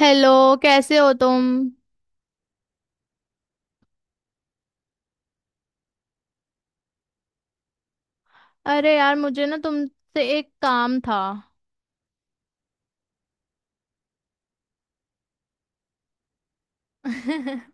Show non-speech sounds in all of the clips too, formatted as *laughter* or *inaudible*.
Hello. कैसे हो तुम? अरे यार, मुझे ना तुमसे एक काम था। *laughs*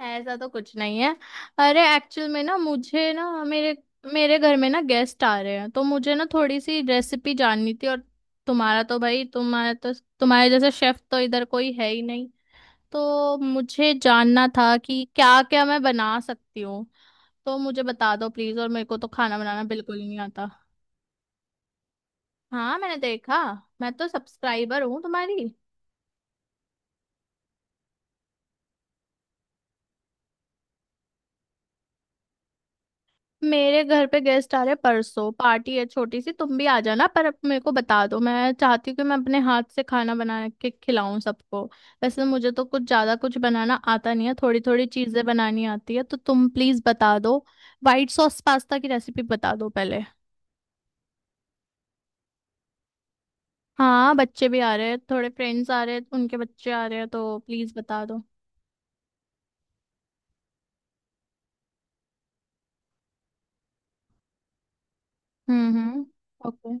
ऐसा तो कुछ नहीं है। अरे एक्चुअल में ना, मुझे ना मेरे मेरे घर में ना गेस्ट आ रहे हैं, तो मुझे ना थोड़ी सी रेसिपी जाननी थी। और तुम्हारा तो भाई तुम्हारा तो तुम्हारे जैसा शेफ तो इधर कोई है ही नहीं। तो मुझे जानना था कि क्या क्या मैं बना सकती हूँ। तो मुझे बता दो प्लीज, और मेरे को तो खाना बनाना बिल्कुल ही नहीं आता। हाँ, मैंने देखा। मैं तो सब्सक्राइबर हूँ तुम्हारी। मेरे घर पे गेस्ट आ रहे, परसों पार्टी है, छोटी सी। तुम भी आ जाना। पर मेरे को बता दो। मैं चाहती हूँ कि मैं अपने हाथ से खाना बना के खिलाऊं सबको। वैसे मुझे तो कुछ ज्यादा कुछ बनाना आता नहीं है, थोड़ी थोड़ी चीजें बनानी आती है। तो तुम प्लीज बता दो। व्हाइट सॉस पास्ता की रेसिपी बता दो पहले। हाँ, बच्चे भी आ रहे हैं, थोड़े फ्रेंड्स आ रहे हैं, उनके बच्चे आ रहे हैं। तो प्लीज बता दो। हम्म, हम्म। ओके।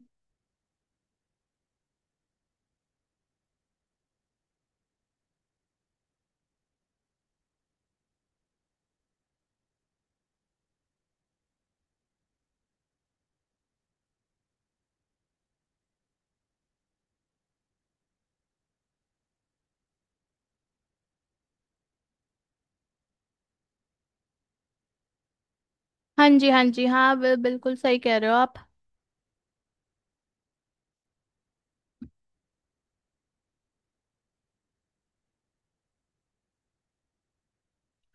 हाँ जी, हाँ जी, हाँ, बिल्कुल सही कह रहे हो आप।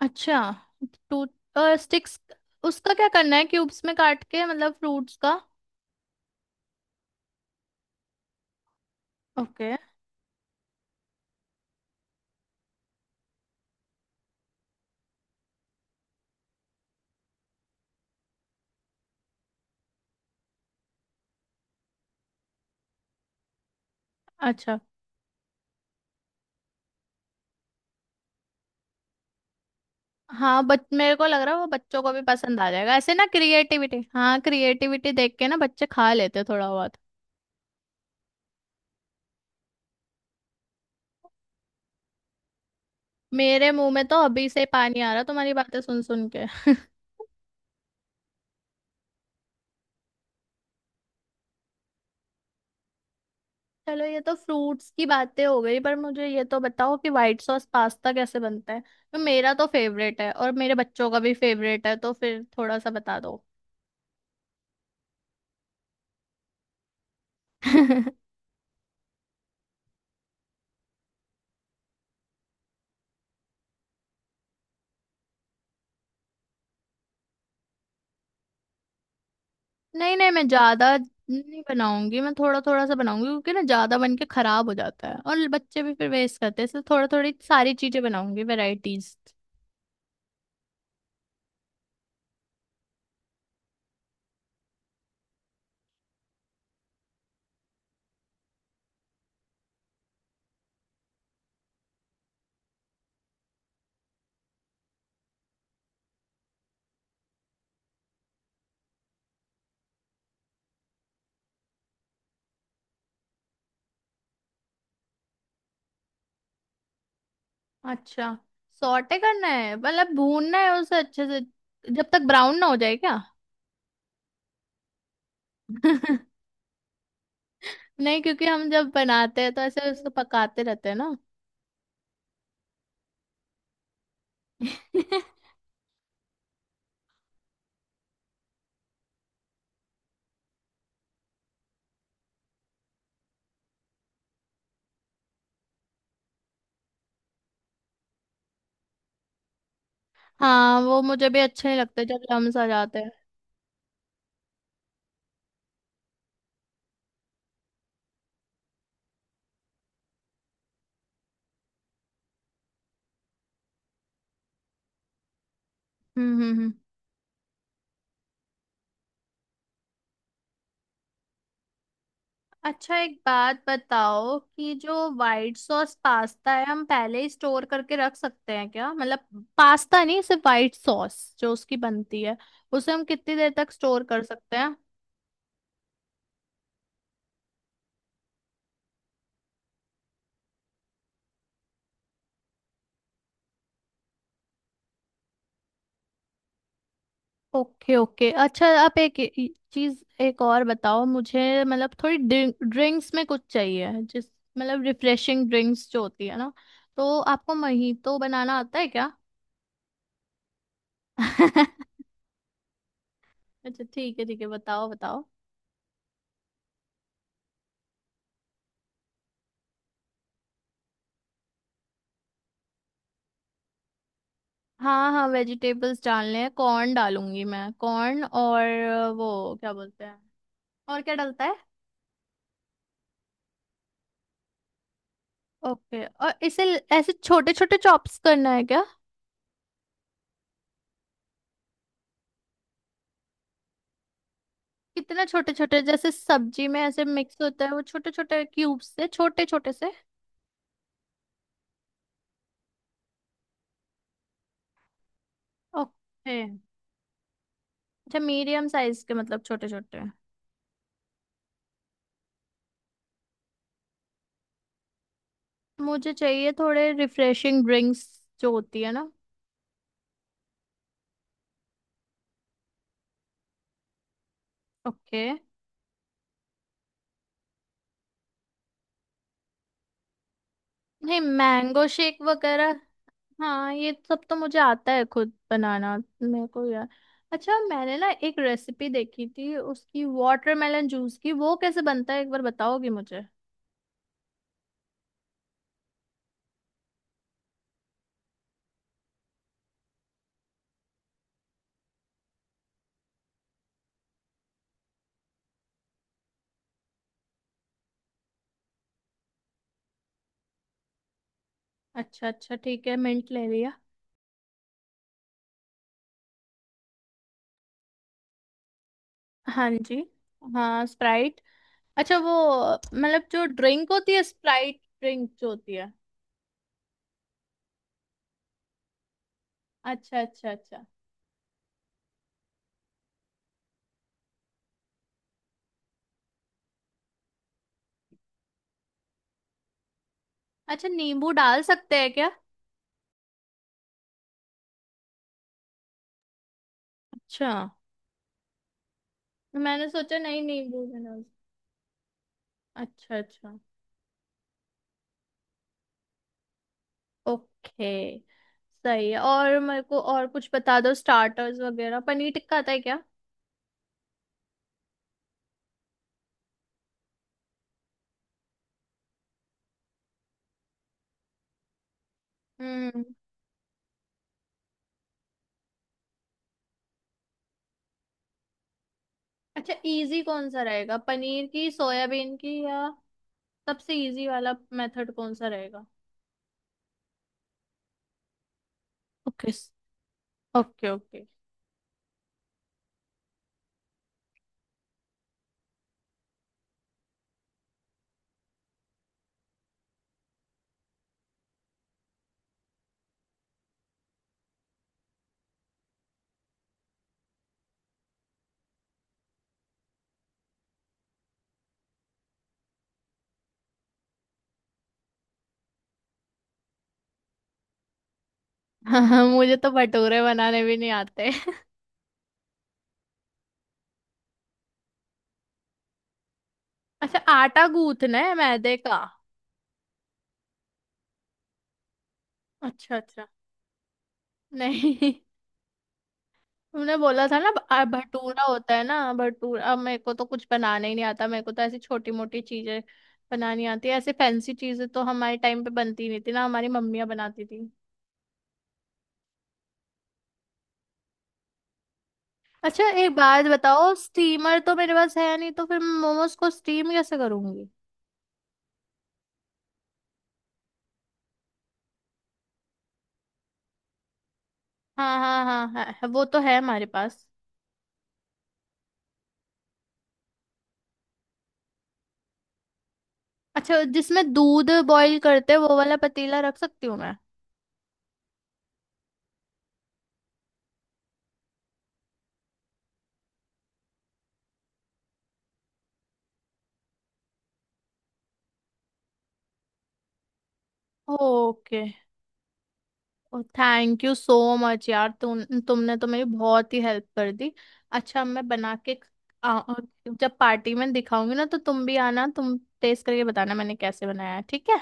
अच्छा, तो स्टिक्स, उसका क्या करना है, क्यूब्स में काट के, मतलब फ्रूट्स का? ओके। अच्छा। हाँ, बच मेरे को लग रहा है वो बच्चों को भी पसंद आ जाएगा ऐसे ना, क्रिएटिविटी। हाँ, क्रिएटिविटी देख के ना बच्चे खा लेते हैं थोड़ा बहुत। मेरे मुंह में तो अभी से पानी आ रहा तुम्हारी बातें सुन सुन के। *laughs* चलो, ये तो फ्रूट्स की बातें हो गई, पर मुझे ये तो बताओ कि व्हाइट सॉस पास्ता कैसे बनता है? तो मेरा तो फेवरेट है और मेरे बच्चों का भी फेवरेट है, तो फिर थोड़ा सा बता दो। *laughs* नहीं नहीं, मैं ज्यादा नहीं बनाऊंगी। मैं थोड़ा थोड़ा सा बनाऊंगी, क्योंकि ना ज्यादा बन के खराब हो जाता है और बच्चे भी फिर वेस्ट करते हैं, इसलिए थोड़ा थोड़ी सारी चीजें बनाऊंगी, वेराइटीज। अच्छा, सॉटे करना है मतलब भूनना है उसे अच्छे से, जब तक ब्राउन ना हो जाए क्या? *laughs* नहीं, क्योंकि हम जब बनाते हैं तो ऐसे उसको पकाते रहते हैं ना। *laughs* हाँ, वो मुझे भी अच्छे नहीं लगते जब लम्स आ जाते हैं। हम्म, हम्म, अच्छा, एक बात बताओ कि जो व्हाइट सॉस पास्ता है, हम पहले ही स्टोर करके रख सकते हैं क्या? मतलब पास्ता नहीं, सिर्फ व्हाइट सॉस जो उसकी बनती है, उसे हम कितनी देर तक स्टोर कर सकते हैं? Okay, okay. अच्छा, आप एक चीज एक और बताओ मुझे, मतलब थोड़ी ड्रिंक्स में कुछ चाहिए, जिस मतलब रिफ्रेशिंग ड्रिंक्स जो होती है ना। तो आपको महीतो बनाना आता है क्या? *laughs* अच्छा ठीक है, ठीक है, बताओ बताओ। हाँ हाँ, वेजिटेबल्स डालने हैं। कॉर्न डालूंगी मैं, कॉर्न और वो क्या बोलते हैं, और क्या डलता है? ओके, और इसे ऐसे छोटे छोटे चॉप्स करना है क्या? कितना छोटे छोटे, जैसे सब्जी में ऐसे मिक्स होता है वो छोटे छोटे क्यूब्स से, छोटे छोटे से? ओके, अच्छा, मीडियम साइज के मतलब, छोटे छोटे। मुझे चाहिए थोड़े रिफ्रेशिंग ड्रिंक्स जो होती है ना। ओके। नहीं, मैंगो शेक वगैरह, हाँ, ये सब तो मुझे आता है खुद बनाना। मेरे को यार, अच्छा मैंने ना एक रेसिपी देखी थी उसकी, वाटरमेलन जूस की, वो कैसे बनता है एक बार बताओगी मुझे? अच्छा अच्छा, ठीक है, मिंट ले लिया। हाँ जी। हाँ, स्प्राइट। अच्छा, वो मतलब जो ड्रिंक होती है, स्प्राइट ड्रिंक जो होती है। अच्छा अच्छा अच्छा। अच्छा, नींबू डाल सकते हैं क्या? अच्छा, मैंने सोचा नहीं नींबू भी ना। अच्छा अच्छा। ओके। सही है। और मेरे को और कुछ बता दो, स्टार्टर्स वगैरह, पनीर टिक्का आता है क्या? हम्म। अच्छा, इजी कौन सा रहेगा, पनीर की, सोयाबीन की, या? सबसे इजी वाला मेथड कौन सा रहेगा? ओके। Okay, okay. *laughs* हाँ, मुझे तो भटूरे बनाने भी नहीं आते। अच्छा, आटा गूंथना है मैदे का? अच्छा अच्छा, नहीं। *laughs* तुमने बोला था ना भटूरा होता है ना, भटूरा। अब मेरे को तो कुछ बनाना ही नहीं आता। मेरे को तो ऐसी छोटी मोटी चीजें बनानी आती है। ऐसे फैंसी चीजें तो हमारे टाइम पे बनती नहीं थी ना, हमारी मम्मियाँ बनाती थी। अच्छा, एक बात बताओ, स्टीमर तो मेरे पास है नहीं, तो फिर मैं मोमोज को स्टीम कैसे करूंगी? हाँ हाँ हाँ हाँ, वो तो है हमारे पास। अच्छा, जिसमें दूध बॉईल करते हैं वो वाला पतीला रख सकती हूँ मैं? Okay. Thank you so much यार, तुमने तो मेरी बहुत ही हेल्प कर दी। अच्छा, मैं बना के आ, जब पार्टी में दिखाऊंगी ना तो तुम भी आना, तुम टेस्ट करके बताना मैंने कैसे बनाया है, ठीक है?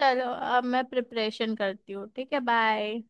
चलो, अब मैं प्रिपरेशन करती हूँ, ठीक है, बाय।